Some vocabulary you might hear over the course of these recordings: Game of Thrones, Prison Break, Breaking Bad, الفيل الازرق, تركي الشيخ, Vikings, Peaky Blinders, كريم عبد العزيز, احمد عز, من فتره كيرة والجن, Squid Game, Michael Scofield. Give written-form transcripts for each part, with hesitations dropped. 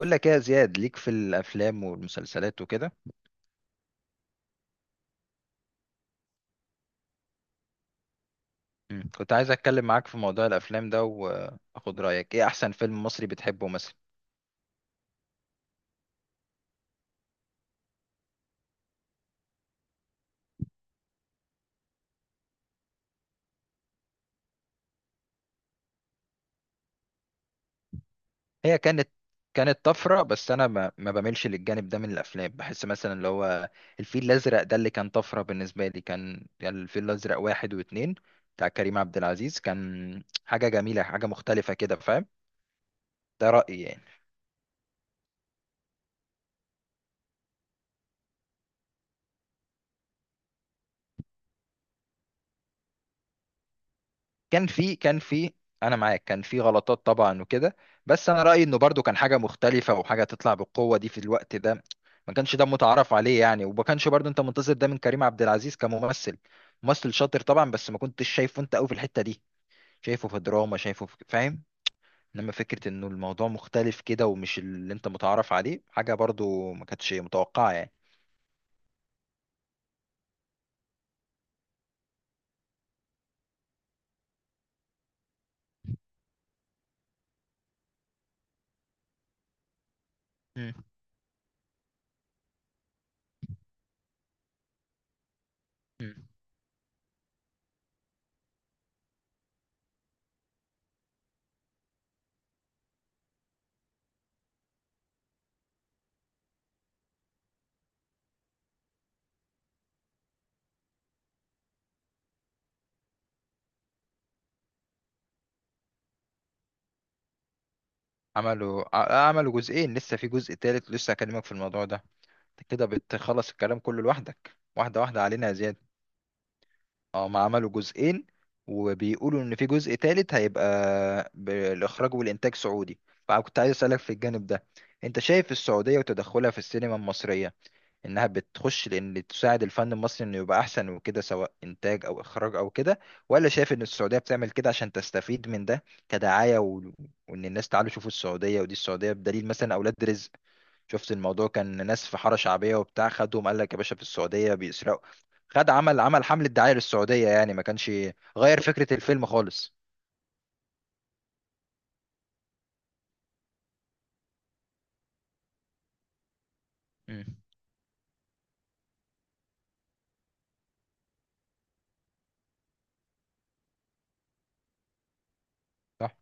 بقول لك ايه يا زياد؟ ليك في الافلام والمسلسلات وكده. كنت عايز اتكلم معاك في موضوع الافلام ده واخد رايك، ايه احسن فيلم مصري بتحبه مثلا؟ هي كانت طفره، بس انا ما بميلش للجانب ده من الافلام. بحس مثلا اللي هو الفيل الازرق ده اللي كان طفره بالنسبه لي. كان الفيل الازرق 1 و2 بتاع كريم عبد العزيز كان حاجه جميله، حاجه مختلفه كده، فاهم؟ ده رايي يعني. كان في انا معاك، كان في غلطات طبعا وكده، بس انا رايي انه برضو كان حاجه مختلفه وحاجه تطلع بالقوه دي في الوقت ده. ما كانش ده متعارف عليه يعني، وما كانش برضو انت منتظر ده من كريم عبد العزيز كممثل. ممثل شاطر طبعا، بس ما كنتش شايفه انت قوي في الحته دي. شايفه في دراما، شايفه في، فاهم؟ انما فكره انه الموضوع مختلف كده ومش اللي انت متعارف عليه، حاجه برضو ما كانتش متوقعه يعني. مم. مم. عملوا عملوا جزئين، لسه في جزء تالت، لسه هكلمك في الموضوع ده. انت كده بتخلص الكلام كله لوحدك، واحدة واحدة علينا يا زياد. اه، ما عملوا جزئين، وبيقولوا ان في جزء تالت هيبقى بالاخراج والانتاج سعودي. فكنت عايز اسالك في الجانب ده، انت شايف السعودية وتدخلها في السينما المصرية انها بتخش لان تساعد الفن المصري انه يبقى احسن وكده، سواء انتاج او اخراج او كده؟ ولا شايف ان السعودية بتعمل كده عشان تستفيد من ده كدعاية، و... وان الناس تعالوا شوفوا السعودية ودي السعودية، بدليل مثلا اولاد رزق. شفت الموضوع؟ كان ناس في حارة شعبية وبتاع، خدهم قال لك يا باشا في السعودية بيسرقوا. خد، عمل، عمل حملة دعاية للسعودية يعني، ما كانش غير فكرة الفيلم خالص. مم. صح.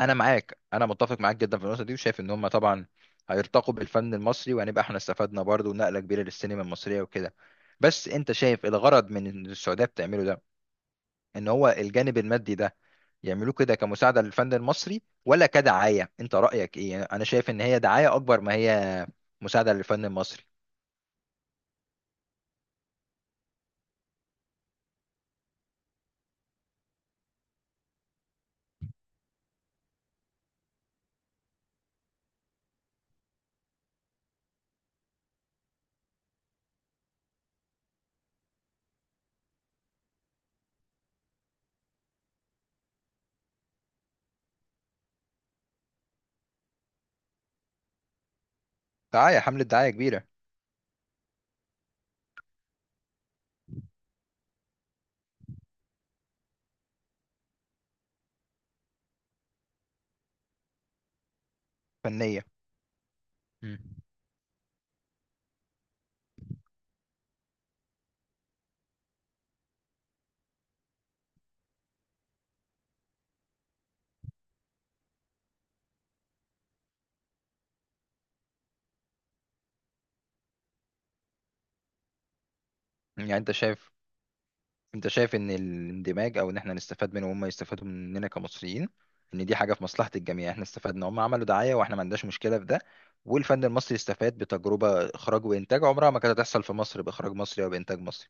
انا معاك، انا متفق معاك جدا في النقطه دي، وشايف ان هم طبعا هيرتقوا بالفن المصري وهنبقى احنا استفدنا برضه نقله كبيره للسينما المصريه وكده. بس انت شايف الغرض من إن السعوديه بتعمله ده، ان هو الجانب المادي ده، يعملوه كده كمساعده للفن المصري ولا كدعايه؟ انت رايك ايه؟ انا شايف ان هي دعايه اكبر ما هي مساعده للفن المصري. دعاية، حملة دعاية كبيرة. فنية. مم. يعني انت شايف، انت شايف ان الاندماج او ان احنا نستفاد منه وهم يستفادوا مننا كمصريين، ان دي حاجة في مصلحة الجميع؟ احنا استفدنا، هم عملوا دعاية، واحنا ما عندناش مشكلة في ده. والفن المصري استفاد بتجربة اخراج وانتاج عمرها ما كانت هتحصل في مصر باخراج مصري او بانتاج مصري.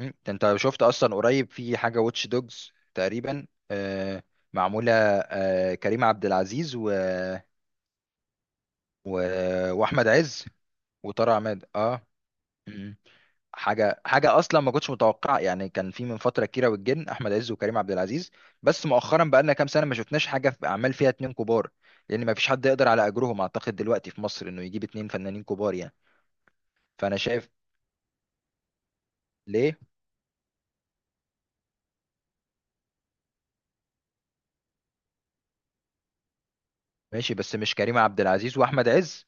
ده انت شفت اصلا قريب في حاجة واتش دوجز تقريبا، آه، معمولة. آه، كريم عبد العزيز و... و... واحمد عز، وطارق عماد، اه. مم. حاجه، حاجه اصلا ما كنتش متوقع يعني. كان في من فتره كيرة والجن، احمد عز وكريم عبد العزيز. بس مؤخرا بقى لنا كام سنه ما شفناش حاجه في اعمال فيها اتنين كبار، لان ما فيش حد يقدر على اجرهم اعتقد دلوقتي في مصر، انه يجيب اتنين فنانين كبار يعني. فانا شايف. ليه؟ ماشي، بس مش كريم عبد العزيز واحمد عز.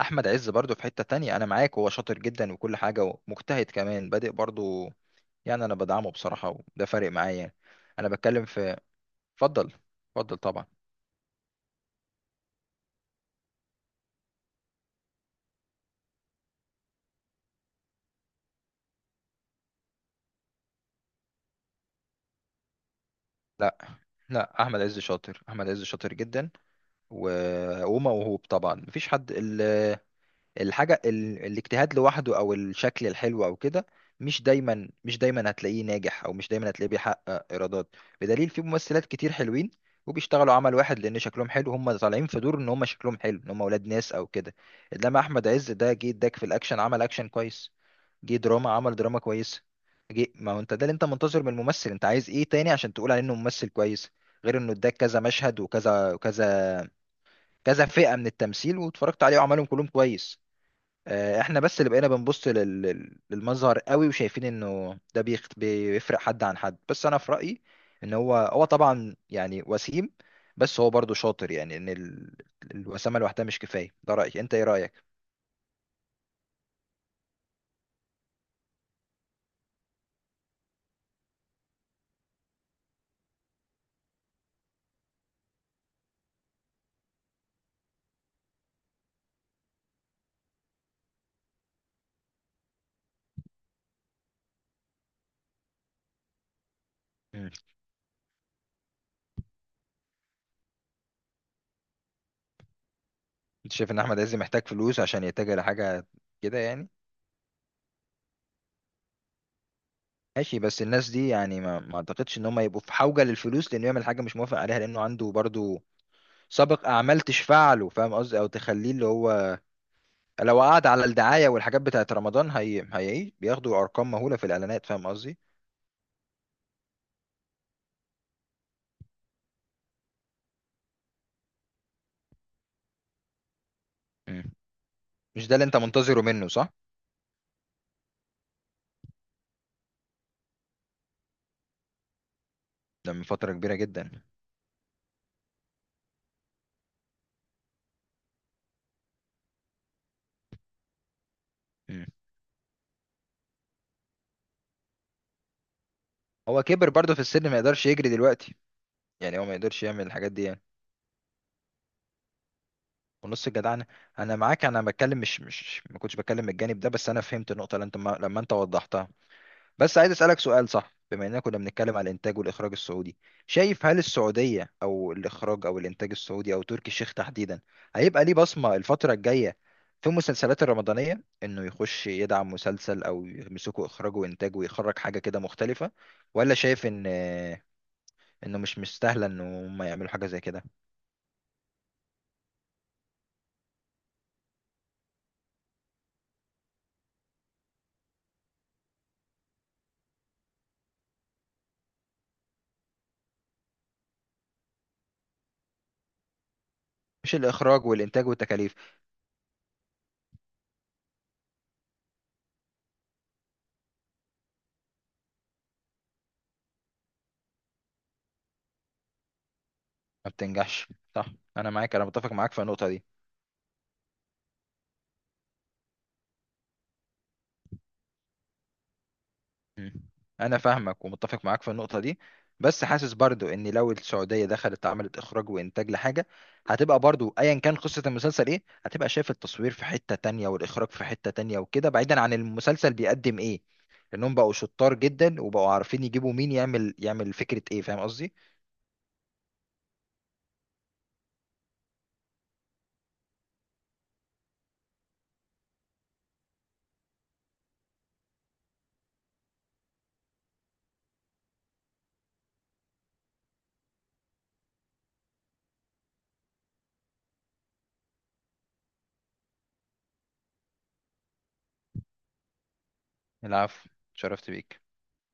احمد عز برضه في حته تانية، انا معاك، هو شاطر جدا وكل حاجه، ومجتهد كمان، بادئ برضه يعني، انا بدعمه بصراحه، وده فارق معايا يعني. انا بتكلم في، اتفضل، اتفضل طبعا. لا، لا، احمد عز شاطر، احمد عز شاطر جدا، و... وموهوب طبعا، مفيش حد ال... الحاجه ال... الاجتهاد لوحده او الشكل الحلو او كده مش دايما، مش دايما هتلاقيه ناجح، او مش دايما هتلاقيه بيحقق ايرادات، بدليل في ممثلات كتير حلوين وبيشتغلوا عمل واحد لان شكلهم حلو، هم طالعين في دور ان هم شكلهم حلو، ان هم اولاد ناس او كده. انما احمد عز ده جه اداك في الاكشن، عمل اكشن كويس، جه دراما، عمل دراما كويسه، جه، ما هو انت ده اللي انت منتظر من الممثل. انت عايز ايه تاني عشان تقول عليه انه ممثل كويس، غير انه اداك كذا مشهد وكذا وكذا، كذا فئه من التمثيل واتفرجت عليه وعملهم كلهم كويس؟ آه، احنا بس اللي بقينا بنبص للمظهر قوي، وشايفين انه ده بيفرق حد عن حد. بس انا في رايي ان هو هو طبعا يعني وسيم، بس هو برضه شاطر يعني، الوسامه لوحدها مش كفايه. ده رايي، انت ايه رايك؟ مم. انت شايف ان احمد عز محتاج فلوس عشان يتجه لحاجه كده يعني؟ ماشي، بس الناس دي يعني ما اعتقدش ان هم يبقوا في حوجة للفلوس لانه يعمل حاجة مش موافق عليها، لانه عنده برضو سابق اعمال تشفع له، فاهم قصدي؟ او تخليه اللي هو، لو قعد على الدعاية والحاجات بتاعت رمضان، هي هي بياخدوا ارقام مهولة في الاعلانات، فاهم قصدي؟ مم. مش ده اللي انت منتظره منه، صح؟ ده من فترة كبيرة جدا. مم. هو كبر برضو في السن، ما يقدرش يجري دلوقتي يعني، هو ما يقدرش يعمل الحاجات دي يعني. ونص الجدعنة. انا معاك، انا بتكلم، مش ما كنتش بتكلم من الجانب ده، بس انا فهمت النقطة اللي انت ما لما انت وضحتها. بس عايز اسالك سؤال، صح؟ بما اننا كنا بنتكلم على الانتاج والاخراج السعودي، شايف هل السعوديه او الاخراج او الانتاج السعودي او تركي الشيخ تحديدا هيبقى ليه بصمه الفتره الجايه في المسلسلات الرمضانيه، انه يخش يدعم مسلسل او يمسكه اخراجه وانتاجه ويخرج حاجه كده مختلفه؟ ولا شايف ان انه مش مستاهله ان هم يعملوا حاجه زي كده؟ مش الاخراج والانتاج والتكاليف. ما بتنجحش. صح. انا معاك، انا متفق معاك في النقطه دي. مم. انا فاهمك ومتفق معاك في النقطه دي. بس حاسس برضو ان لو السعوديه دخلت عملت اخراج وانتاج لحاجه، هتبقى برضو ايا كان قصه المسلسل ايه، هتبقى شايف التصوير في حته تانية، والاخراج في حته تانية وكده، بعيدا عن المسلسل بيقدم ايه، لانهم بقوا شطار جدا وبقوا عارفين يجيبوا مين يعمل، يعمل فكره ايه، فاهم قصدي؟ العفو، شرفت بيك.